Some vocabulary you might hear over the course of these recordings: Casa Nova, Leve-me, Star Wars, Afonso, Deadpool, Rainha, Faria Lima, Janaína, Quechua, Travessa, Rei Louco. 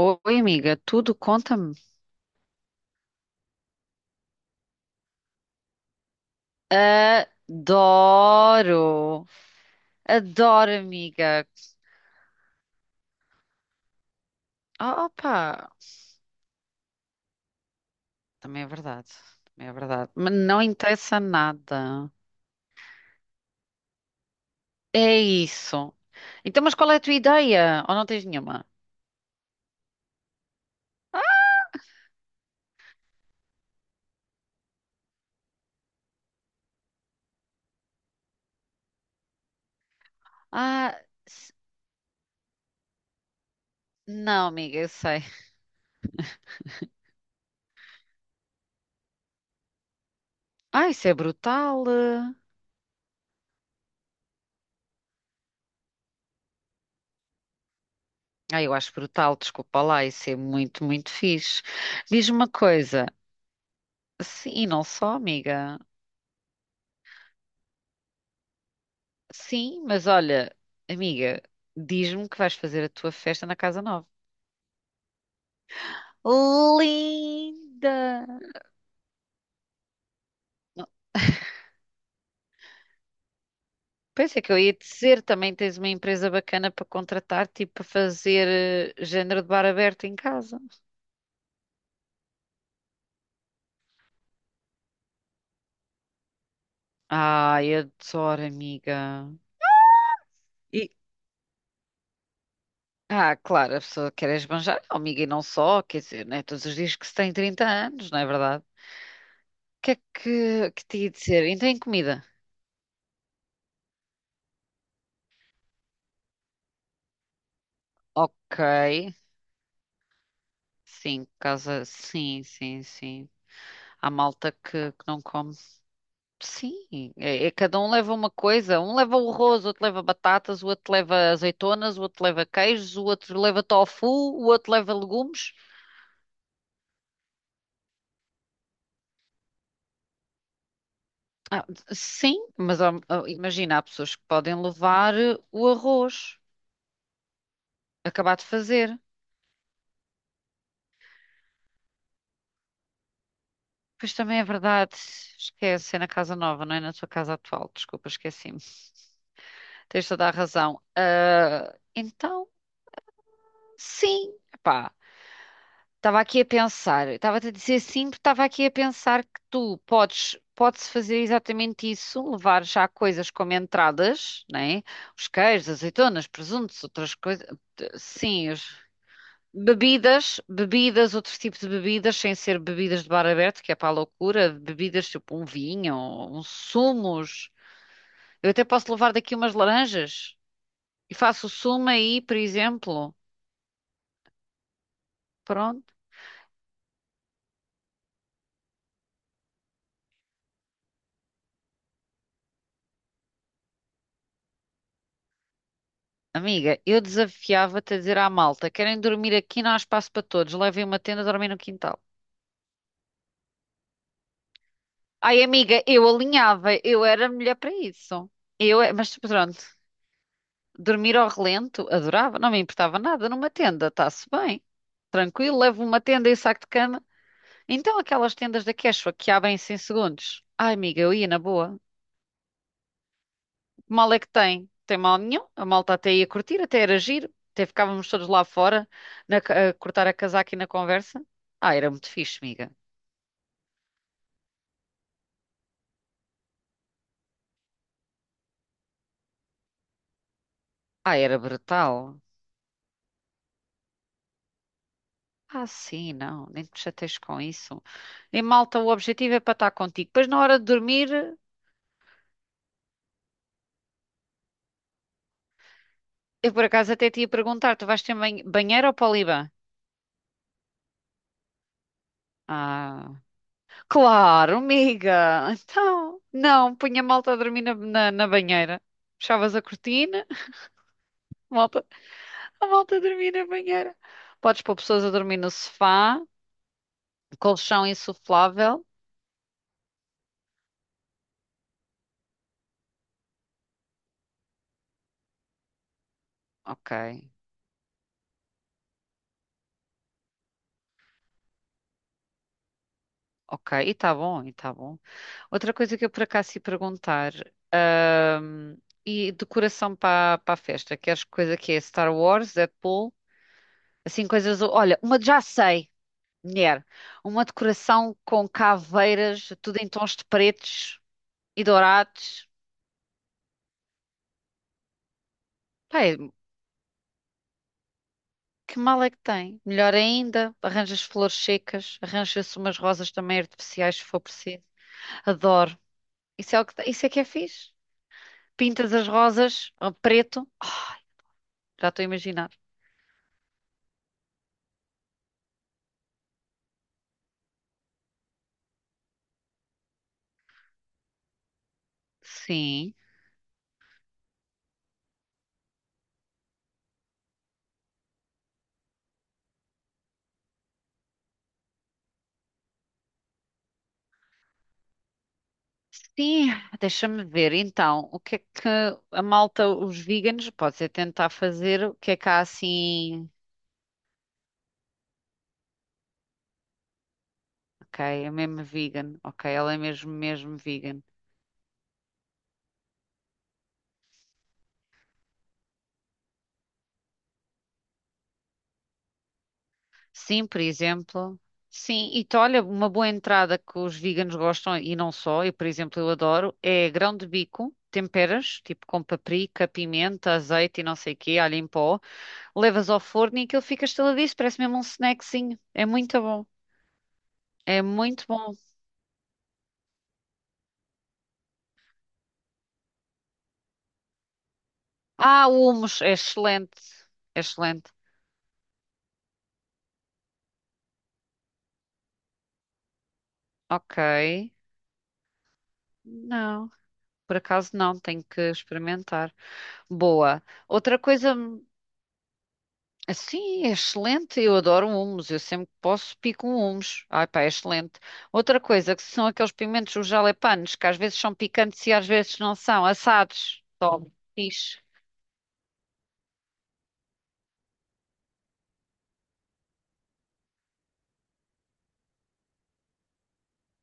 Oi, amiga, tudo conta-me. Adoro! Adoro, amiga. Oh, opa! Também é verdade. Também é verdade. Mas não interessa nada. É isso. Então, mas qual é a tua ideia? Ou não tens nenhuma? Ah, s- não, amiga, eu sei. Ah, isso é brutal. Ah, eu acho brutal, desculpa lá, isso é muito, muito fixe. Diz-me uma coisa. Sim, e não só, amiga. Sim, mas olha, amiga, diz-me que vais fazer a tua festa na Casa Nova. Linda! Não, pensei que eu ia dizer, também tens uma empresa bacana para contratar, tipo para fazer género de bar aberto em casa. Ai, adoro, amiga. E, claro, a pessoa quer esbanjar, oh, amiga, e não só, quer dizer, né, todos os dias que se tem 30 anos, não é verdade? O que é que te ia dizer? Então, em comida. Ok, sim, casa, sim, sim, sim. Há malta que não come. Sim, é, é cada um leva uma coisa. Um leva o arroz, o outro leva batatas, o outro leva azeitonas, o outro leva queijos, o outro leva tofu, o outro leva legumes. Ah, Imagina, há pessoas que podem levar o arroz, acabar de fazer. Pois também é verdade, esquece, é na casa nova, não é na tua casa atual. Desculpa, esqueci-me. Tens toda a razão. Ah, então, sim, pá. Estava aqui a pensar, estava-te a dizer sim, porque estava aqui a pensar que tu podes fazer exatamente isso, levar já coisas como entradas, né? Os queijos, azeitonas, presuntos, outras coisas, sim, os- bebidas, outros tipos de bebidas, sem ser bebidas de bar aberto, que é para a loucura, bebidas tipo um vinho, uns sumos. Eu até posso levar daqui umas laranjas e faço o sumo aí, por exemplo. Pronto. Amiga, eu desafiava-te a dizer à malta: querem dormir aqui, não há espaço para todos, levem uma tenda, dormem no quintal. Ai, amiga, eu alinhava, eu era mulher para isso. Mas pronto, dormir ao relento, adorava, não me importava nada numa tenda, está-se bem, tranquilo, levo uma tenda e um saco de cama. Então, aquelas tendas da Quechua que abrem-se em segundos. Ai, amiga, eu ia na boa. Mal é que tem. Tem mal nenhum. A malta até ia curtir, até era giro. Até ficávamos todos lá fora a cortar a casaca e na conversa. Ah, era muito fixe, amiga. Ah, era brutal. Ah, sim, não. Nem te chateies com isso. E malta, o objetivo é para estar contigo. Depois, na hora de dormir, eu por acaso até te ia perguntar: tu vais ter banheiro ou poliban? Ah, claro, amiga. Então, não, punha a malta a dormir na banheira. Fechavas a cortina. Malta. A malta a dormir na banheira. Podes pôr pessoas a dormir no sofá, colchão insuflável. Ok, ok. E tá bom, e tá bom. Outra coisa que eu por acaso ia perguntar. ahm, e decoração para a festa. Queres coisa que é Star Wars, Deadpool? Assim, coisas. Olha, uma já sei, mulher. Uma decoração com caveiras, tudo em tons de pretos e dourados. Pá. É Que mal é que tem? Melhor ainda, arranjas flores secas, arranja-se umas rosas também artificiais se for preciso. Adoro. Isso é que é fixe. Pintas as rosas a preto. Ai, já estou a imaginar. Sim. Sim, deixa-me ver. Então, o que é que a malta, os veganos, pode ser tentar fazer? O que é que há assim? Ok, é mesmo vegan. Ok, ela é mesmo, mesmo vegan. Sim, por exemplo. Sim, e tu, olha, uma boa entrada que os veganos gostam, e não só, eu, por exemplo, eu adoro, é grão de bico, temperas, tipo com paprika, pimenta, azeite e não sei o quê, alho em pó, levas ao forno e aquilo fica estaladiço, parece mesmo um snackzinho. É muito bom, é muito bom. Ah, o hummus, é excelente, é excelente. Ok, não, por acaso não, tenho que experimentar. Boa. Outra coisa. Sim, é excelente. Eu adoro humos. Eu sempre que posso pico um humos. Ai, pá, é excelente. Outra coisa que são aqueles pimentos, os jalapenos, que às vezes são picantes e às vezes não são, assados. Tome, fixe.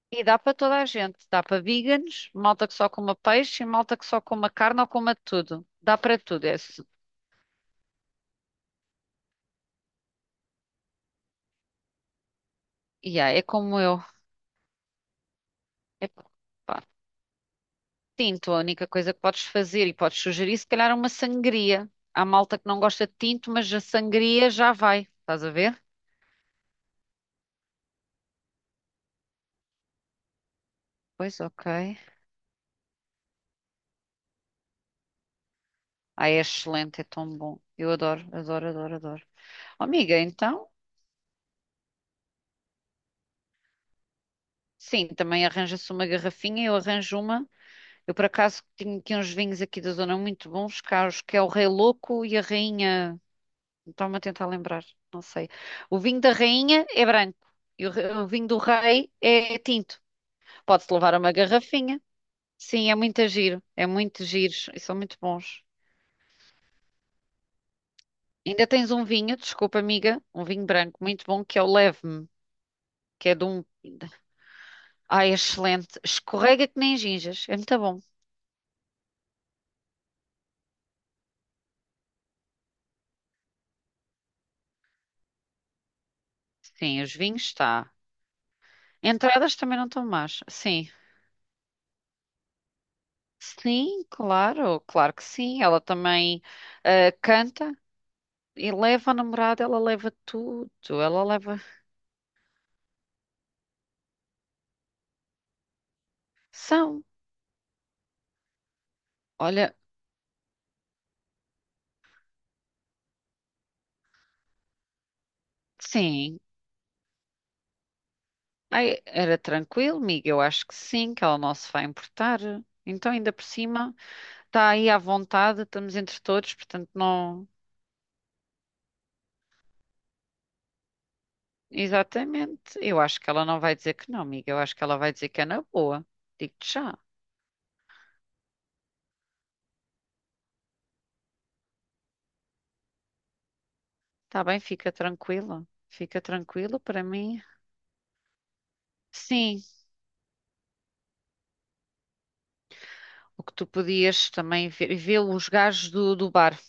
E dá para toda a gente. Dá para veganos, malta que só coma peixe e malta que só coma carne ou coma tudo. Dá para tudo esse. E yeah, é como eu. É, pá. Tinto, a única coisa que podes fazer e podes sugerir, se calhar, é uma sangria. Há malta que não gosta de tinto, mas a sangria já vai. Estás a ver? Pois, ok. Ai, é excelente, é tão bom. Eu adoro, adoro, adoro, adoro. Oh, amiga, então, sim, também arranja-se uma garrafinha, eu arranjo uma. Eu, por acaso, tenho aqui uns vinhos aqui da zona muito bons, caros, que é o Rei Louco e a Rainha. Estava-me a tentar lembrar, não sei. O vinho da Rainha é branco e o vinho do Rei é tinto. Pode-se levar uma garrafinha. Sim, é muito giro e são muito bons. Ainda tens um vinho, desculpa, amiga, um vinho branco muito bom que é o Leve-me, que é de um. Ai, excelente. Escorrega que nem gingas. É muito bom. Sim, os vinhos está. Entradas também não estão más. Sim. Sim, claro. Claro que sim. Ela também canta e leva a namorada, ela leva tudo. Ela leva. São. Olha, sim. Ai, era tranquilo, Miga. Eu acho que sim, que ela não se vai importar. Então, ainda por cima, está aí à vontade, estamos entre todos, portanto, não. Exatamente. Eu acho que ela não vai dizer que não, amiga. Eu acho que ela vai dizer que é na boa. Digo-te já. Tá bem, fica tranquila. Fica tranquila para mim. Sim, o que tu podias também ver os gajos do bar,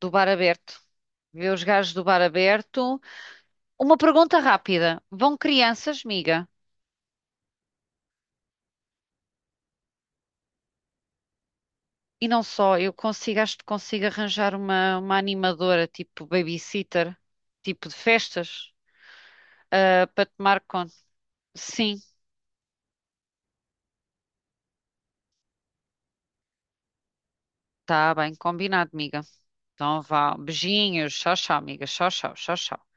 do bar aberto. Ver os gajos do bar aberto. Uma pergunta rápida. Vão crianças, Miga? E não só, eu consigo, acho que consigo arranjar uma animadora, tipo babysitter, tipo de festas, para tomar conta. Sim, tá bem, combinado, Miga. Então vá. Beijinhos. Tchau, tchau, amiga. Tchau, tchau, tchau, tchau.